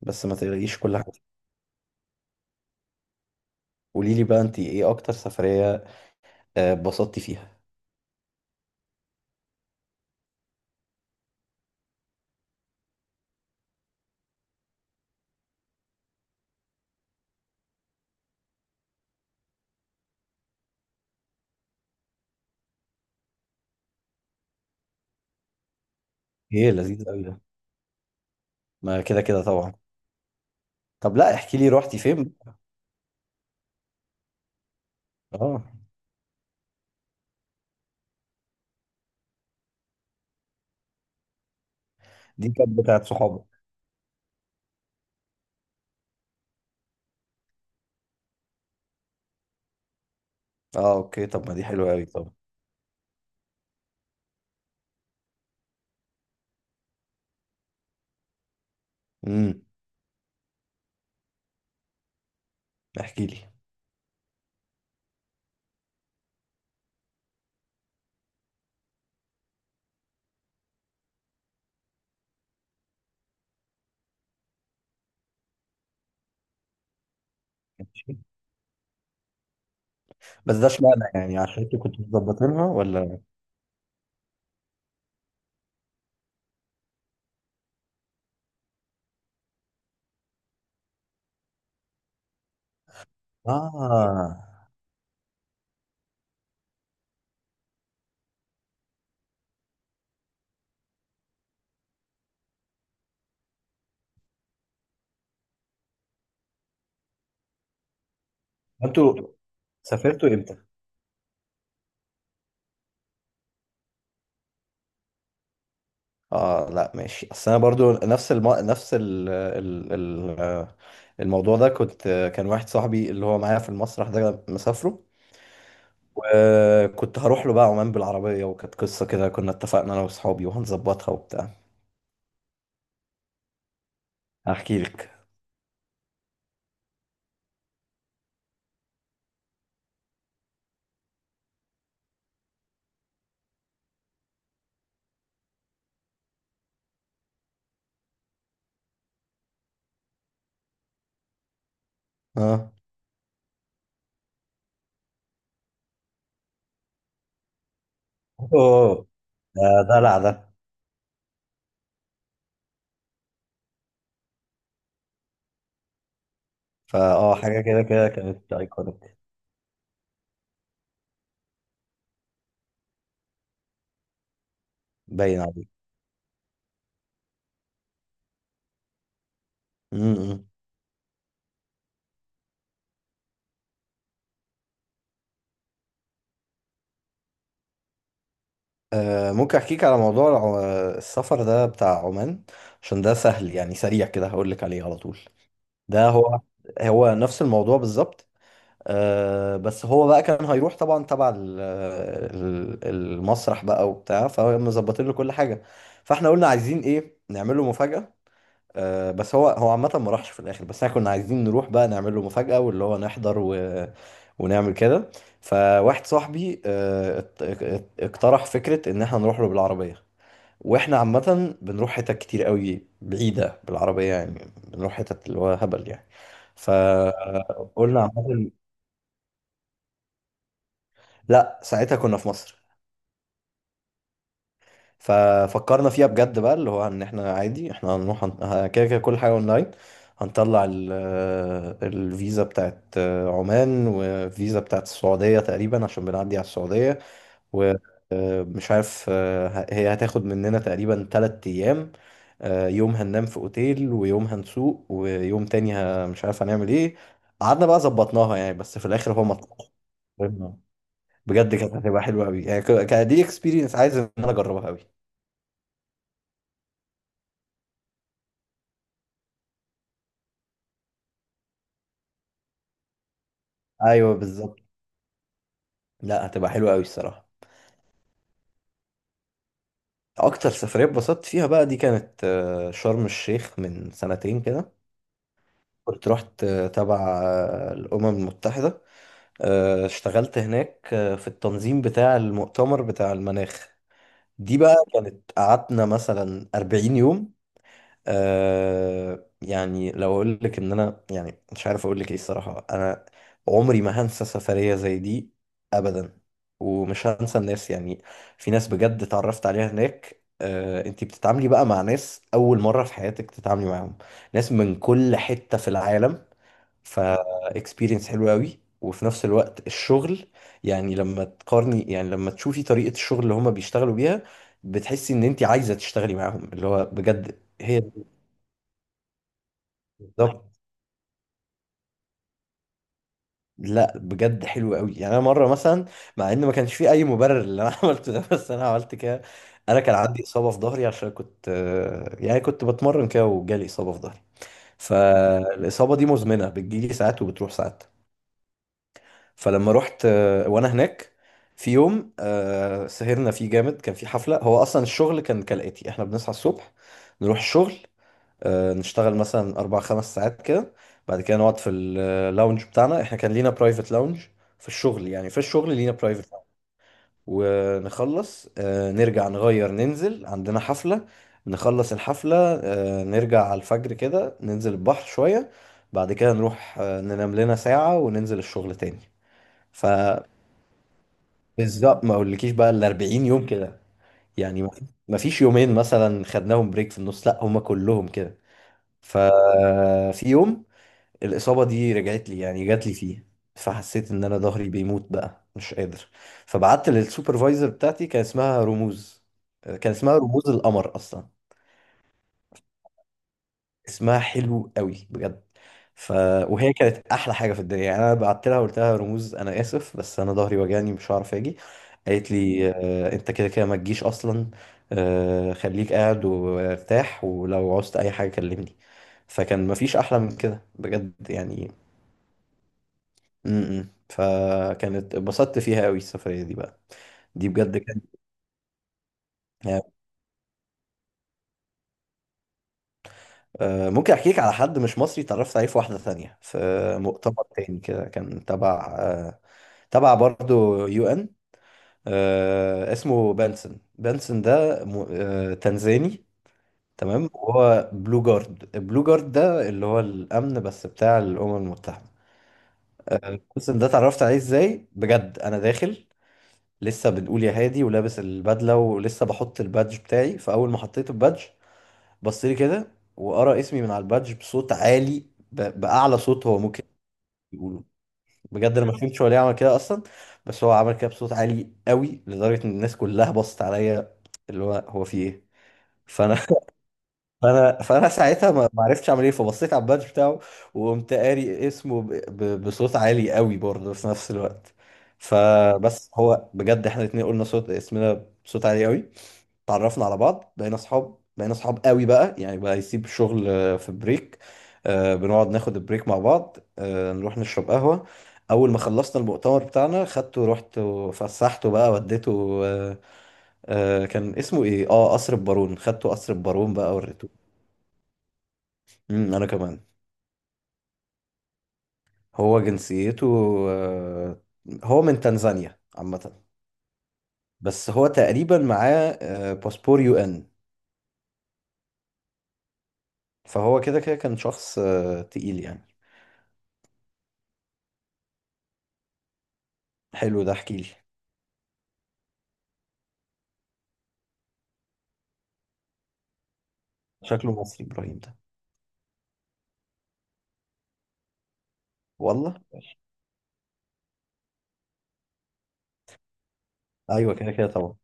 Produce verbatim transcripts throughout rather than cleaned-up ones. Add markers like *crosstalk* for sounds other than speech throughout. بس ما تقوليش كل حاجه. قولي لي بقى، انت ايه اكتر سفريه آه، اتبسطتي فيها؟ ايه لذيذ قوي ده. ما كده كده طبعا. طب لا، احكي لي روحتي فين. اه، دي كانت بتاعت صحابك؟ اه، اوكي. طب ما دي حلوه قوي. طب، امم احكي لي. ماشي. بس ده اشمعنى يعني؟ عشان انتوا كنتوا مظبطينها ولا؟ اه، انتوا سافرتوا امتى؟ اه لا ماشي. اصل انا برضو نفس الم... نفس ال... ال... ال... الموضوع ده كنت. كان واحد صاحبي اللي هو معايا في المسرح ده مسافره، وكنت هروح له بقى عمان بالعربية. وكانت قصة كده، كنا اتفقنا أنا وأصحابي وهنظبطها وبتاع. هحكي لك. اه. أوه. ده دلع ده. فأه حاجة كده كده كانت أيكونيك. باين عليك. م-م. آه ممكن أحكيك على موضوع الع- السفر ده بتاع عمان، عشان ده سهل. يعني سريع كده هقول لك عليه على طول. ده هو هو نفس الموضوع بالظبط. آه، بس هو بقى كان هيروح طبعا تبع ال- ال- المسرح بقى وبتاع، فمظبطين له كل حاجه. فاحنا قلنا عايزين ايه؟ نعمل له مفاجاه. آه، بس هو هو عامه ما راحش في الاخر. بس احنا كنا عايزين نروح بقى نعمل له مفاجاه، واللي هو نحضر و... ونعمل كده. فواحد صاحبي آه، ات- ات- اقترح فكره ان احنا نروح له بالعربيه. واحنا عامه بنروح حتت كتير قوي بعيده بالعربيه يعني، بنروح حتت اللي هو هبل يعني. فقلنا عامه، لا ساعتها كنا في مصر. ففكرنا فيها بجد بقى، اللي هو ان احنا عادي. احنا هنروح، هن- ه- كده كده كل حاجه اونلاين. هنطلع ال- الفيزا بتاعت عمان والفيزا بتاعت السعوديه، تقريبا عشان بنعدي على السعوديه. ومش عارف، آه، هي هتاخد مننا تقريبا تلات ايام. آه، يوم هننام في اوتيل، ويوم هنسوق، ويوم تاني ه- مش عارف هنعمل ايه. قعدنا بقى ظبطناها يعني. بس في الاخر هو ما طلعش. بجد كانت هتبقى حلوه قوي يعني، ك- كدي اكسبيرينس عايز ان انا اجربها قوي. ايوه بالظبط. لا هتبقى حلوه قوي الصراحه. اكتر سفريه اتبسطت فيها بقى، دي كانت آه، شرم الشيخ من سنتين كده. كنت رحت آه، تبع آه، الامم المتحده. آه، اشتغلت هناك آه، في التنظيم بتاع المؤتمر بتاع المناخ. دي بقى كانت قعدنا مثلا أربعين يوم. آه يعني لو اقول لك ان انا، يعني مش عارف اقول لك ايه الصراحه. انا عمري ما هنسى سفريه زي دي ابدا. ومش هنسى الناس يعني. في ناس بجد اتعرفت عليها هناك. آه انتي بتتعاملي بقى مع ناس اول مره في حياتك تتعاملي معاهم. ناس من كل حته في العالم. ف اكسبيرينس حلوه قوي، وفي نفس الوقت الشغل. يعني لما تقارني، يعني لما تشوفي طريقه الشغل اللي هما بيشتغلوا بيها، بتحسي ان انتي عايزه تشتغلي معاهم. اللي هو بجد هي بالظبط. لا بجد حلو قوي يعني. انا مره مثلا، مع ان ما كانش في اي مبرر اللي انا *laughs* عملته ده، بس انا عملت كده. انا كان عندي اصابه في ظهري، عشان كنت آه، يعني كنت بتمرن كده وجالي اصابه في ظهري. فالاصابه دي مزمنه، بتجيلي ساعات وبتروح ساعات. فلما رحت آه، وانا هناك، في يوم آه، سهرنا فيه جامد، كان في حفله. هو اصلا الشغل كان كالاتي: احنا بنصحى الصبح، نروح الشغل، آه، نشتغل مثلا أربع خمس ساعات كده. بعد كده نقعد في اللاونج بتاعنا، احنا كان لينا برايفت لاونج في الشغل. يعني في الشغل لينا برايفت لاونج. ونخلص آه، نرجع نغير، ننزل عندنا حفلة. نخلص الحفلة آه، نرجع على الفجر كده، ننزل البحر شوية. بعد كده نروح آه، ننام لنا ساعة وننزل الشغل تاني. فبالظبط، ما اقولكيش بقى ال أربعين يوم كده، يعني ما ما فيش يومين مثلا خدناهم بريك في النص. لا هما كلهم كده. ففي يوم الإصابة دي رجعت لي، يعني جات لي فيه. فحسيت إن أنا ظهري بيموت بقى مش قادر. فبعت للسوبرفايزر بتاعتي، كان اسمها رموز. كان اسمها رموز القمر أصلا. اسمها حلو قوي بجد. ف... وهي كانت أحلى حاجة في الدنيا يعني. أنا بعت لها قلت لها: رموز، أنا آسف، بس أنا ظهري وجعني مش هعرف أجي. قالت لي: آه، أنت كده كده ما تجيش أصلا. آه، خليك قاعد وارتاح، ولو عوزت أي حاجة كلمني. فكان مفيش أحلى من كده بجد يعني. امم فكانت اتبسطت فيها قوي السفرية دي بقى. دي بجد كانت آه، ممكن احكي لك على حد مش مصري اتعرفت عليه في واحدة ثانية، في مؤتمر تاني كده، كان تبع آه، تبع برضو يو ان. آه، اسمه بنسن بنسن ده م- آه، تنزاني. تمام. وهو بلو جارد. البلو جارد ده اللي هو الامن بس بتاع الامم المتحدة. بنسن ده اتعرفت عليه ازاي؟ بجد انا داخل لسه، بنقول يا هادي، ولابس البدله ولسه بحط البادج بتاعي. فاول ما حطيت البادج بص لي كده، وقرا اسمي من على البادج بصوت عالي، ب... باعلى صوت هو ممكن يقوله. بجد انا ما فهمتش هو ليه عمل كده اصلا. بس هو عمل كده بصوت عالي قوي لدرجه ان الناس كلها بصت عليا، اللي هو هو في ايه. فانا *laughs* فانا فانا ساعتها ما ما عرفتش اعمل ايه. فبصيت على البادج بتاعه، وقمت قاري اسمه ب... ب... بصوت عالي قوي برضه في نفس الوقت. فبس هو بجد احنا الاتنين قلنا صوت اسمنا بصوت عالي قوي. اتعرفنا على بعض، بقينا اصحاب بقينا اصحاب قوي بقى. يعني بقى يسيب الشغل آه، في بريك، آه، بنقعد ناخد البريك مع بعض، آه، نروح نشرب قهوة. اول ما خلصنا المؤتمر بتاعنا خدته، رحت وفسحته بقى، وديته آه، آه، كان اسمه ايه؟ اه، قصر البارون. خدته قصر البارون بقى وريته. امم، انا كمان. هو جنسيته آه، هو من تنزانيا عامة. بس هو تقريبا معاه آه، باسبور يو ان. فهو كده كده كان شخص آه، تقيل يعني. حلو ده، احكي لي. شكله مصري ابراهيم ده؟ والله. ايوه كده كده طبعا.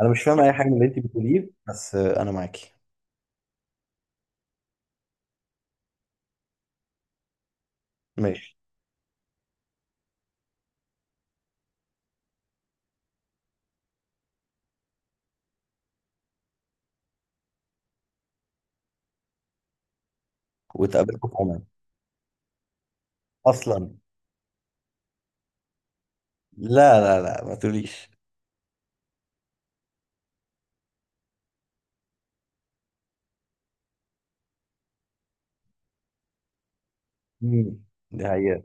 انا مش فاهم اي حاجه من اللي انت بتقوليه، بس آه، انا معاكي. ماشي. واتقابلكم في عمان اصلا؟ لا لا لا، ما تقوليش. امم. دي حقيقة.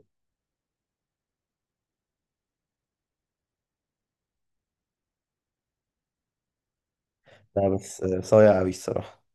لا، بس آه، صايع قوي الصراحه.